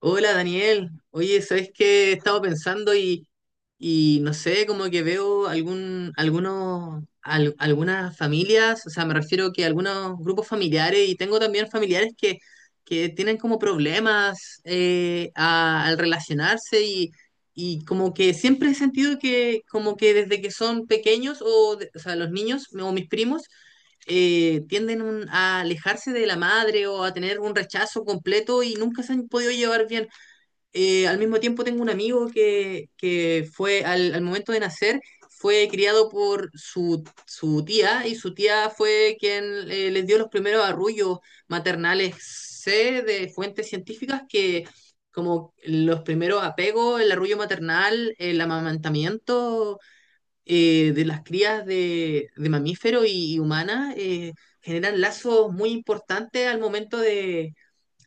Hola Daniel, oye, ¿sabes qué? He estado pensando y no sé, como que veo algunas familias, o sea, me refiero que algunos grupos familiares y tengo también familiares que tienen como problemas al relacionarse y como que siempre he sentido que como que desde que son pequeños o sea, los niños o mis primos tienden a alejarse de la madre o a tener un rechazo completo y nunca se han podido llevar bien. Al mismo tiempo tengo un amigo que fue al momento de nacer, fue criado por su tía y su tía fue quien les dio los primeros arrullos maternales. Sé de fuentes científicas que como los primeros apegos, el arrullo maternal, el amamantamiento, de las crías de mamíferos y humanas, generan lazos muy importantes al momento de,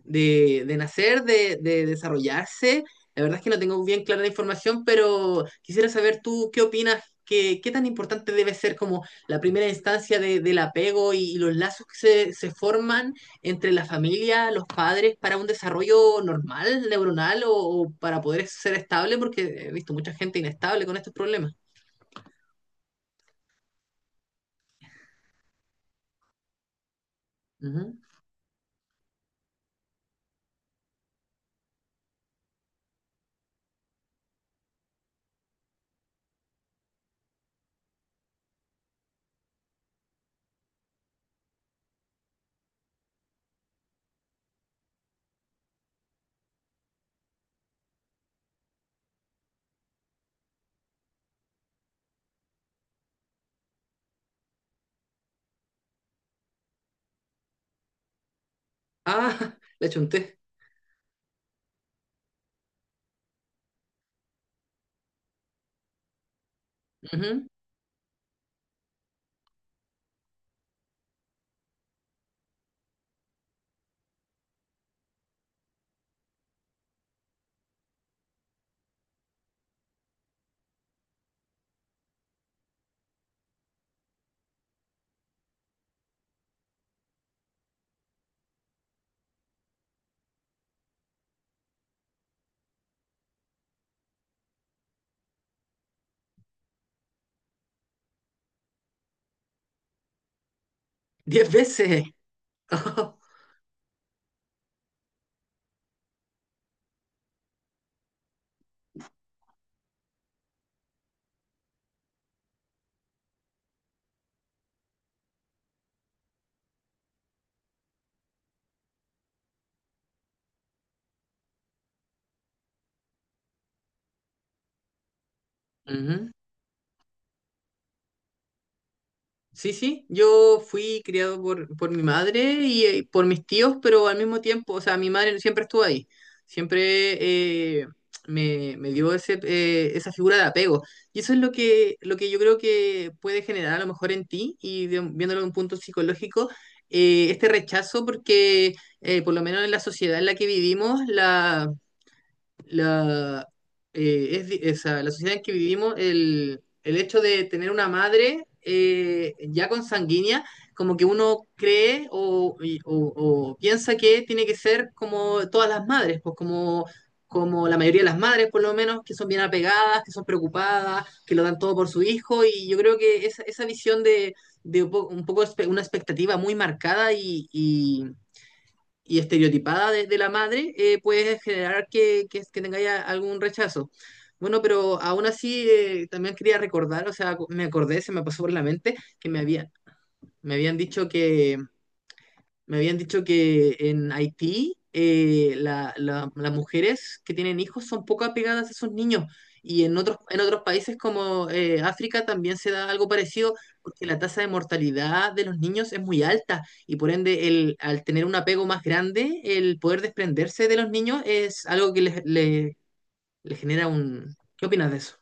de, de nacer, de desarrollarse. La verdad es que no tengo bien clara la información, pero quisiera saber tú qué opinas, qué tan importante debe ser como la primera instancia del apego y los lazos que se forman entre la familia, los padres, para un desarrollo normal, neuronal, o para poder ser estable, porque he visto mucha gente inestable con estos problemas. Ujú. Ah, le chunté. Ujú. 10 veces. Ujú. Sí, sí, yo fui criado por mi madre y por mis tíos, pero al mismo tiempo, o sea, mi madre siempre estuvo ahí, siempre eh, me dio ese, esa figura de apego. Y eso es lo lo que yo creo que puede generar a lo mejor en ti, y, viéndolo de un punto psicológico, este rechazo, porque por lo menos en la sociedad en la que vivimos, la, es di- esa- la sociedad en que vivimos, el hecho de tener una madre, ya consanguínea, como que uno cree o piensa que tiene que ser como todas las madres, como la mayoría de las madres, por lo menos, que son bien apegadas, que son preocupadas, que lo dan todo por su hijo, y yo creo que esa visión un poco una expectativa muy marcada y estereotipada desde la madre, puede generar que tengáis algún rechazo. Bueno, pero aún así, también quería recordar, o sea, me acordé, se me pasó por la mente, que me habían dicho que, me habían dicho que en Haití, las mujeres que tienen hijos son poco apegadas a esos niños, y en otros países como, África, también se da algo parecido, porque la tasa de mortalidad de los niños es muy alta y por ende al tener un apego más grande el poder desprenderse de los niños es algo que le genera un... ¿Qué opinas de eso?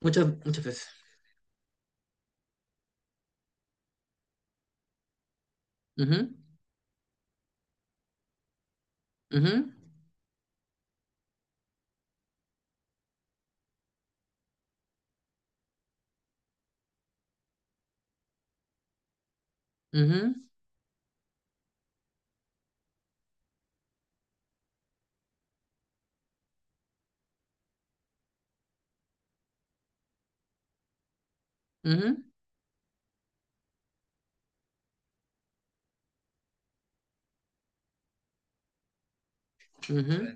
Muchas, muchas veces. Ujú, ujú, ujú, ujú, ujú.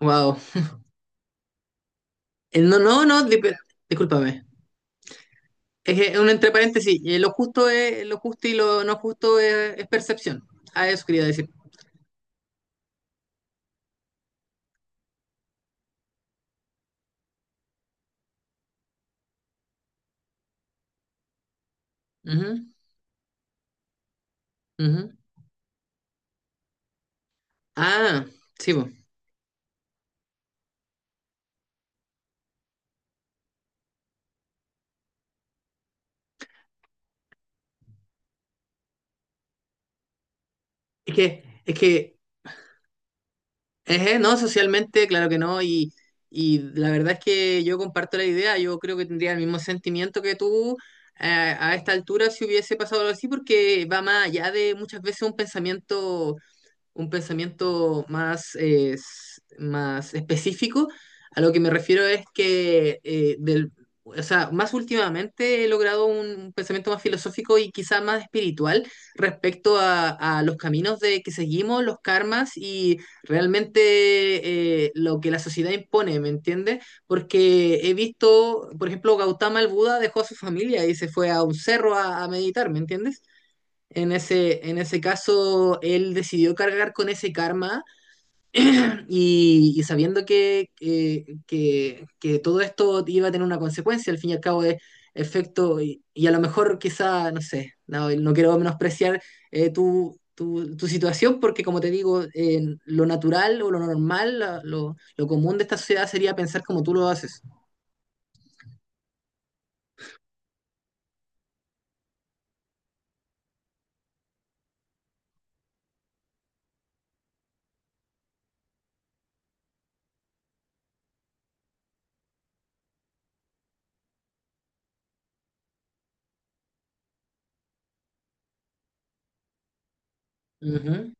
Wow. No, no, no, discúlpame. Es que, un entre paréntesis, lo justo es, lo justo y lo no justo es percepción. Ah, eso quería decir. Ujú, ujú. Ah, sí, po. Es que, es que, no, socialmente, claro que no, y la verdad es que yo comparto la idea, yo creo que tendría el mismo sentimiento que tú, eh, a esta altura si hubiese pasado algo así, porque va más allá de muchas veces un pensamiento más, más específico. A lo que me refiero es que, o sea, más últimamente he logrado un pensamiento más filosófico y quizá más espiritual respecto a los caminos de que seguimos, los karmas y realmente, lo que la sociedad impone, ¿me entiendes? Porque he visto, por ejemplo, Gautama el Buda dejó a su familia y se fue a un cerro a meditar, ¿me entiendes? En ese caso, él decidió cargar con ese karma, y sabiendo que todo esto iba a tener una consecuencia, al fin y al cabo es efecto, y a lo mejor quizá, no sé, no, no quiero menospreciar, tu situación, porque como te digo, lo natural o lo normal, lo común de esta sociedad sería pensar como tú lo haces. Ujú,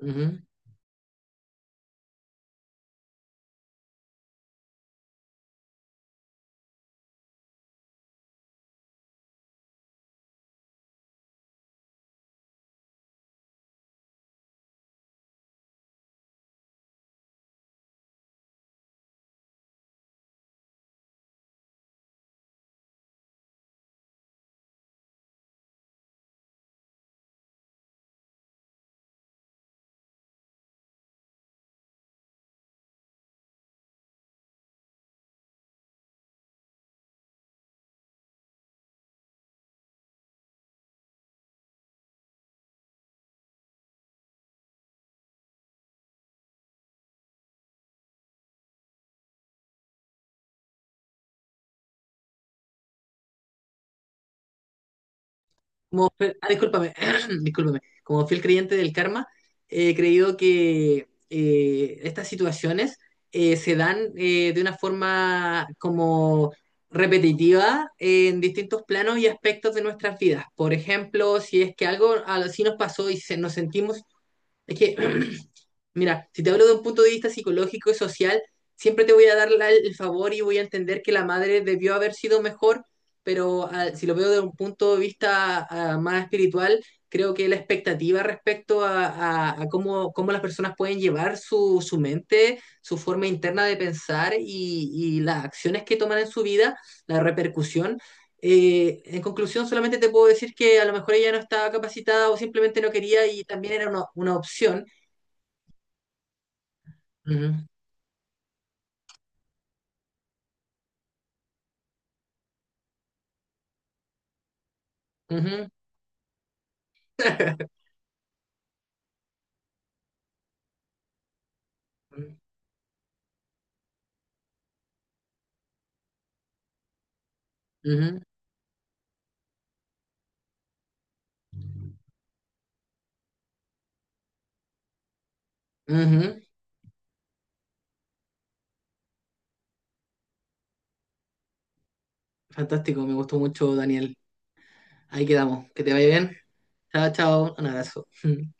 ujú. Discúlpame, discúlpame. Como fiel creyente del karma, he creído que, estas situaciones, se dan, de una forma como repetitiva en distintos planos y aspectos de nuestras vidas. Por ejemplo, si es que algo así nos pasó nos sentimos, es que mira, si te hablo de un punto de vista psicológico y social, siempre te voy a dar el favor y voy a entender que la madre debió haber sido mejor, pero ah, si lo veo de un punto de vista, ah, más espiritual, creo que la expectativa respecto a cómo, cómo las personas pueden llevar su mente, su forma interna de pensar y las acciones que toman en su vida, la repercusión. En conclusión, solamente te puedo decir que a lo mejor ella no estaba capacitada o simplemente no quería y también era una opción. Ujú. Ujú. Ujú, ujú. Fantástico, me gustó mucho, Daniel. Ahí quedamos. Que te vaya bien. Chao, chao. Un abrazo.